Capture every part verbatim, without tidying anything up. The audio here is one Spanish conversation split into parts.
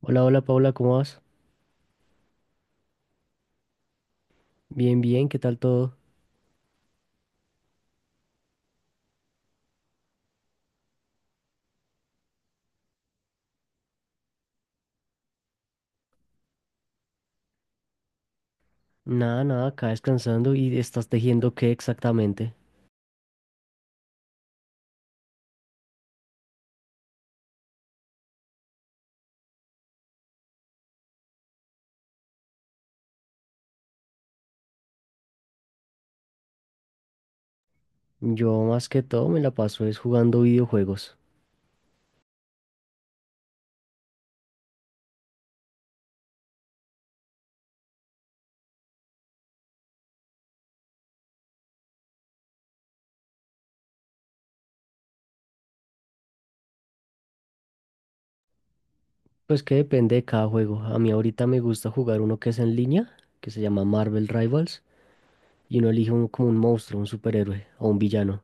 Hola, hola Paula, ¿cómo vas? Bien, bien, ¿qué tal todo? Nada, nada, acá descansando y estás tejiendo qué exactamente. Yo más que todo me la paso es jugando videojuegos. Pues que depende de cada juego. A mí ahorita me gusta jugar uno que es en línea, que se llama Marvel Rivals, y uno elige un- como un monstruo, un superhéroe o un villano.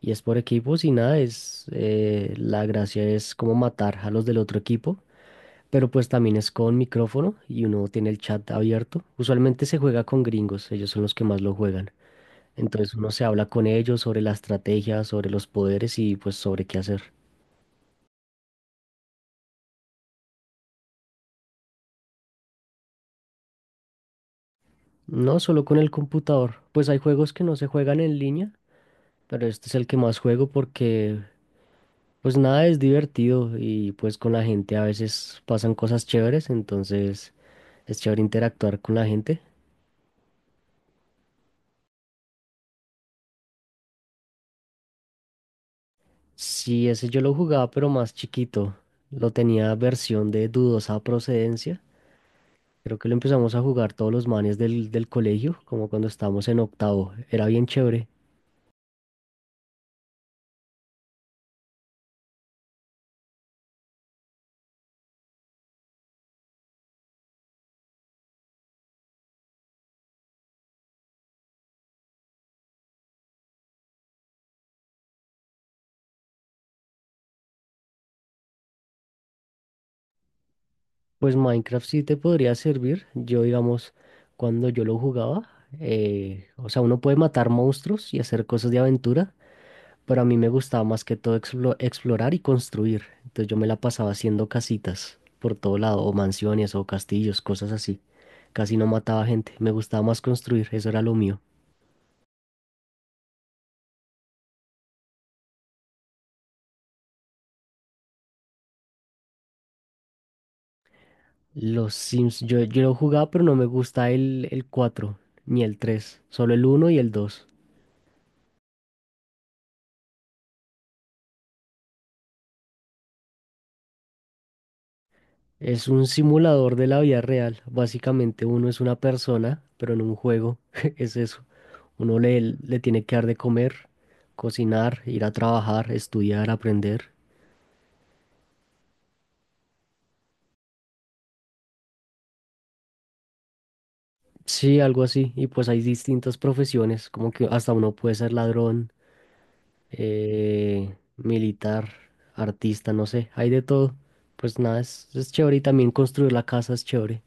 Y es por equipos y nada, es eh, la gracia es como matar a los del otro equipo, pero pues también es con micrófono y uno tiene el chat abierto. Usualmente se juega con gringos, ellos son los que más lo juegan. Entonces uno se habla con ellos sobre la estrategia, sobre los poderes y pues sobre qué hacer. No, solo con el computador, pues hay juegos que no se juegan en línea, pero este es el que más juego porque pues nada, es divertido y pues con la gente a veces pasan cosas chéveres, entonces es chévere interactuar con la gente. Sí, ese yo lo jugaba, pero más chiquito. Lo tenía versión de dudosa procedencia. Creo que lo empezamos a jugar todos los manes del, del colegio, como cuando estábamos en octavo. Era bien chévere. Pues Minecraft sí te podría servir. Yo, digamos, cuando yo lo jugaba, eh, o sea, uno puede matar monstruos y hacer cosas de aventura, pero a mí me gustaba más que todo explo- explorar y construir. Entonces yo me la pasaba haciendo casitas por todo lado, o mansiones, o castillos, cosas así. Casi no mataba gente. Me gustaba más construir, eso era lo mío. Los Sims, yo, yo lo jugaba, pero no me gusta el, el cuatro ni el tres, solo el uno y el dos. Es un simulador de la vida real. Básicamente uno es una persona, pero en un juego es eso. Uno le, le tiene que dar de comer, cocinar, ir a trabajar, estudiar, aprender. Sí, algo así. Y pues hay distintas profesiones, como que hasta uno puede ser ladrón, eh, militar, artista, no sé, hay de todo. Pues nada, es, es chévere y también construir la casa es chévere.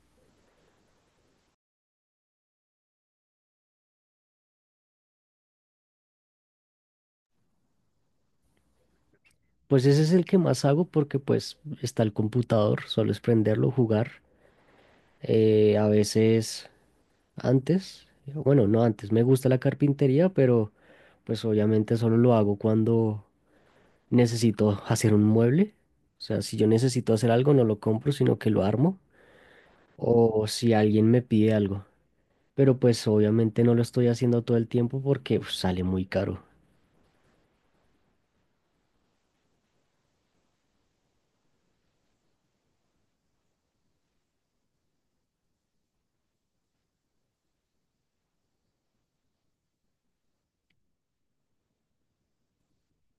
Pues ese es el que más hago porque pues está el computador, solo es prenderlo, jugar. Eh, a veces antes, bueno, no antes, me gusta la carpintería, pero pues obviamente solo lo hago cuando necesito hacer un mueble. O sea, si yo necesito hacer algo, no lo compro, sino que lo armo. O si alguien me pide algo. Pero pues obviamente no lo estoy haciendo todo el tiempo porque uf, sale muy caro.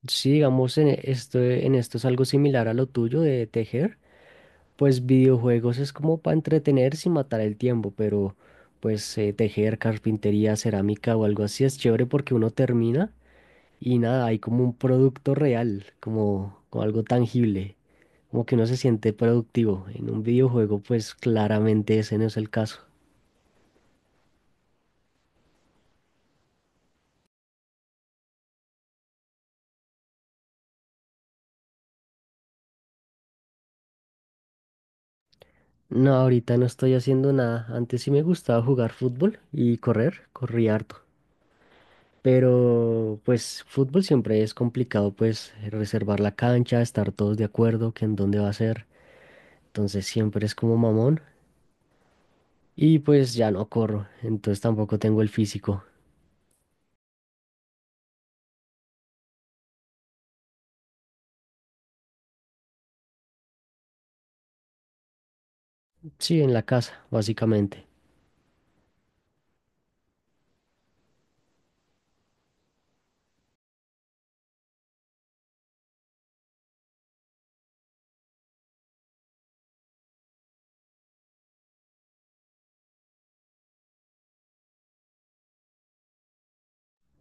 Si digamos en e- esto, en esto es algo similar a lo tuyo de tejer, pues videojuegos es como para entretenerse y matar el tiempo, pero pues eh, tejer, carpintería, cerámica o algo así es chévere porque uno termina y nada, hay como un producto real, como como algo tangible, como que uno se siente productivo. En un videojuego, pues claramente ese no es el caso. No, ahorita no estoy haciendo nada. Antes sí me gustaba jugar fútbol y correr, corría harto. Pero pues fútbol siempre es complicado, pues reservar la cancha, estar todos de acuerdo que en dónde va a ser. Entonces siempre es como mamón. Y pues ya no corro, entonces tampoco tengo el físico. Sí, en la casa, básicamente.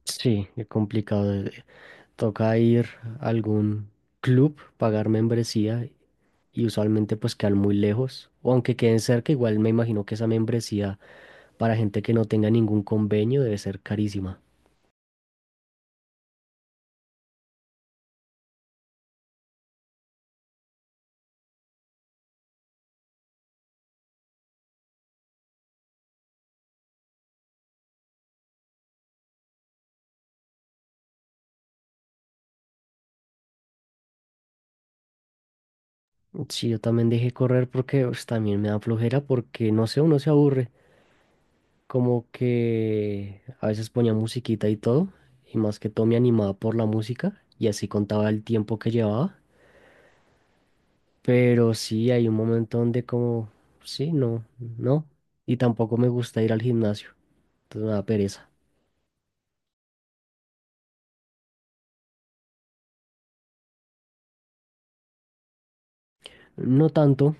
Sí, es complicado. eh, Toca ir a algún club, pagar membresía y usualmente pues quedan muy lejos, o aunque queden cerca, igual me imagino que esa membresía para gente que no tenga ningún convenio debe ser carísima. Sí, yo también dejé correr porque pues también me da flojera porque no sé, uno se aburre, como que a veces ponía musiquita y todo, y más que todo me animaba por la música y así contaba el tiempo que llevaba, pero sí hay un momento donde como, sí, no, no, y tampoco me gusta ir al gimnasio, entonces me da pereza. No tanto.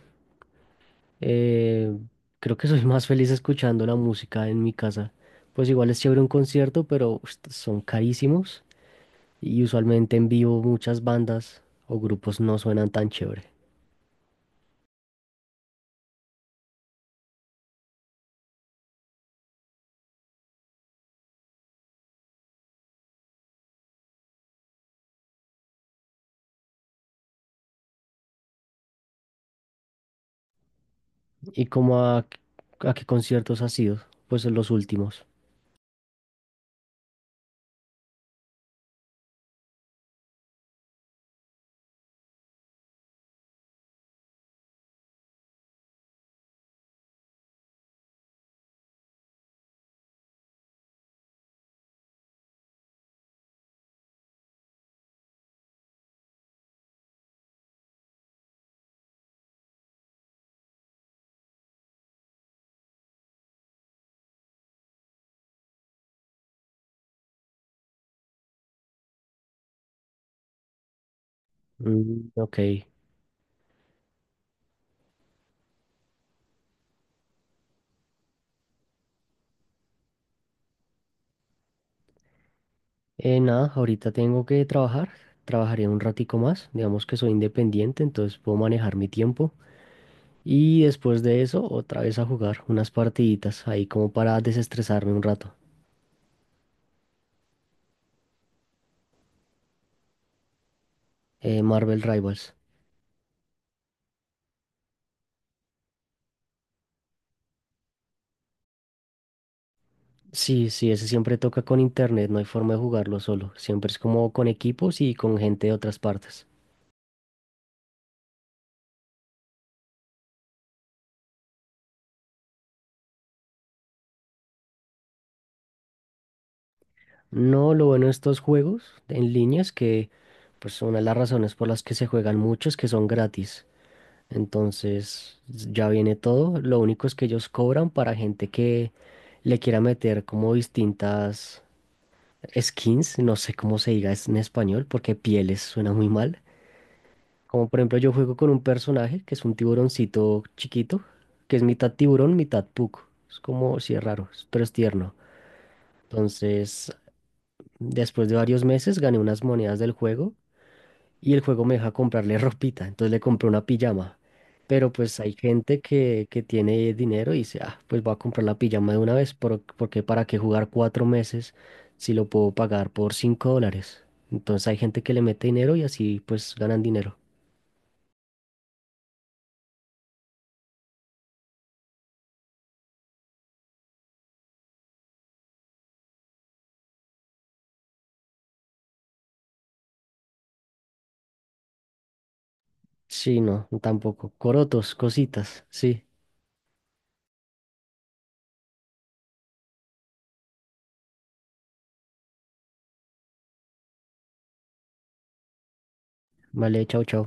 Eh, Creo que soy más feliz escuchando la música en mi casa. Pues igual es chévere un concierto, pero ust, son carísimos y usualmente en vivo muchas bandas o grupos no suenan tan chévere. ¿Y como a, a qué conciertos has ido? Pues en los últimos. Mm, ok. Eh, nada, ahorita tengo que trabajar. Trabajaré un ratico más. Digamos que soy independiente, entonces puedo manejar mi tiempo. Y después de eso, otra vez a jugar unas partiditas ahí como para desestresarme un rato. Eh, Marvel Rivals. Sí, sí, ese siempre toca con internet, no hay forma de jugarlo solo. Siempre es como con equipos y con gente de otras partes. No, lo bueno de estos juegos en línea es que pues una de las razones por las que se juegan mucho es que son gratis. Entonces, ya viene todo. Lo único es que ellos cobran para gente que le quiera meter como distintas skins, no sé cómo se diga es- en español, porque pieles suena muy mal. Como por ejemplo, yo juego con un personaje que es un tiburoncito chiquito, que es mitad tiburón, mitad puc. Es como, sí, es raro, es- pero es tierno. Entonces, después de varios meses gané unas monedas del juego y el juego me deja comprarle ropita. Entonces le compré una pijama. Pero pues hay gente que, que tiene dinero y dice, ah, pues voy a comprar la pijama de una vez, por- porque para qué jugar cuatro meses si lo puedo pagar por cinco dólares. Entonces hay gente que le mete dinero y así pues ganan dinero. Sí, no, tampoco. Corotos, cositas. Sí, vale, chau, chau.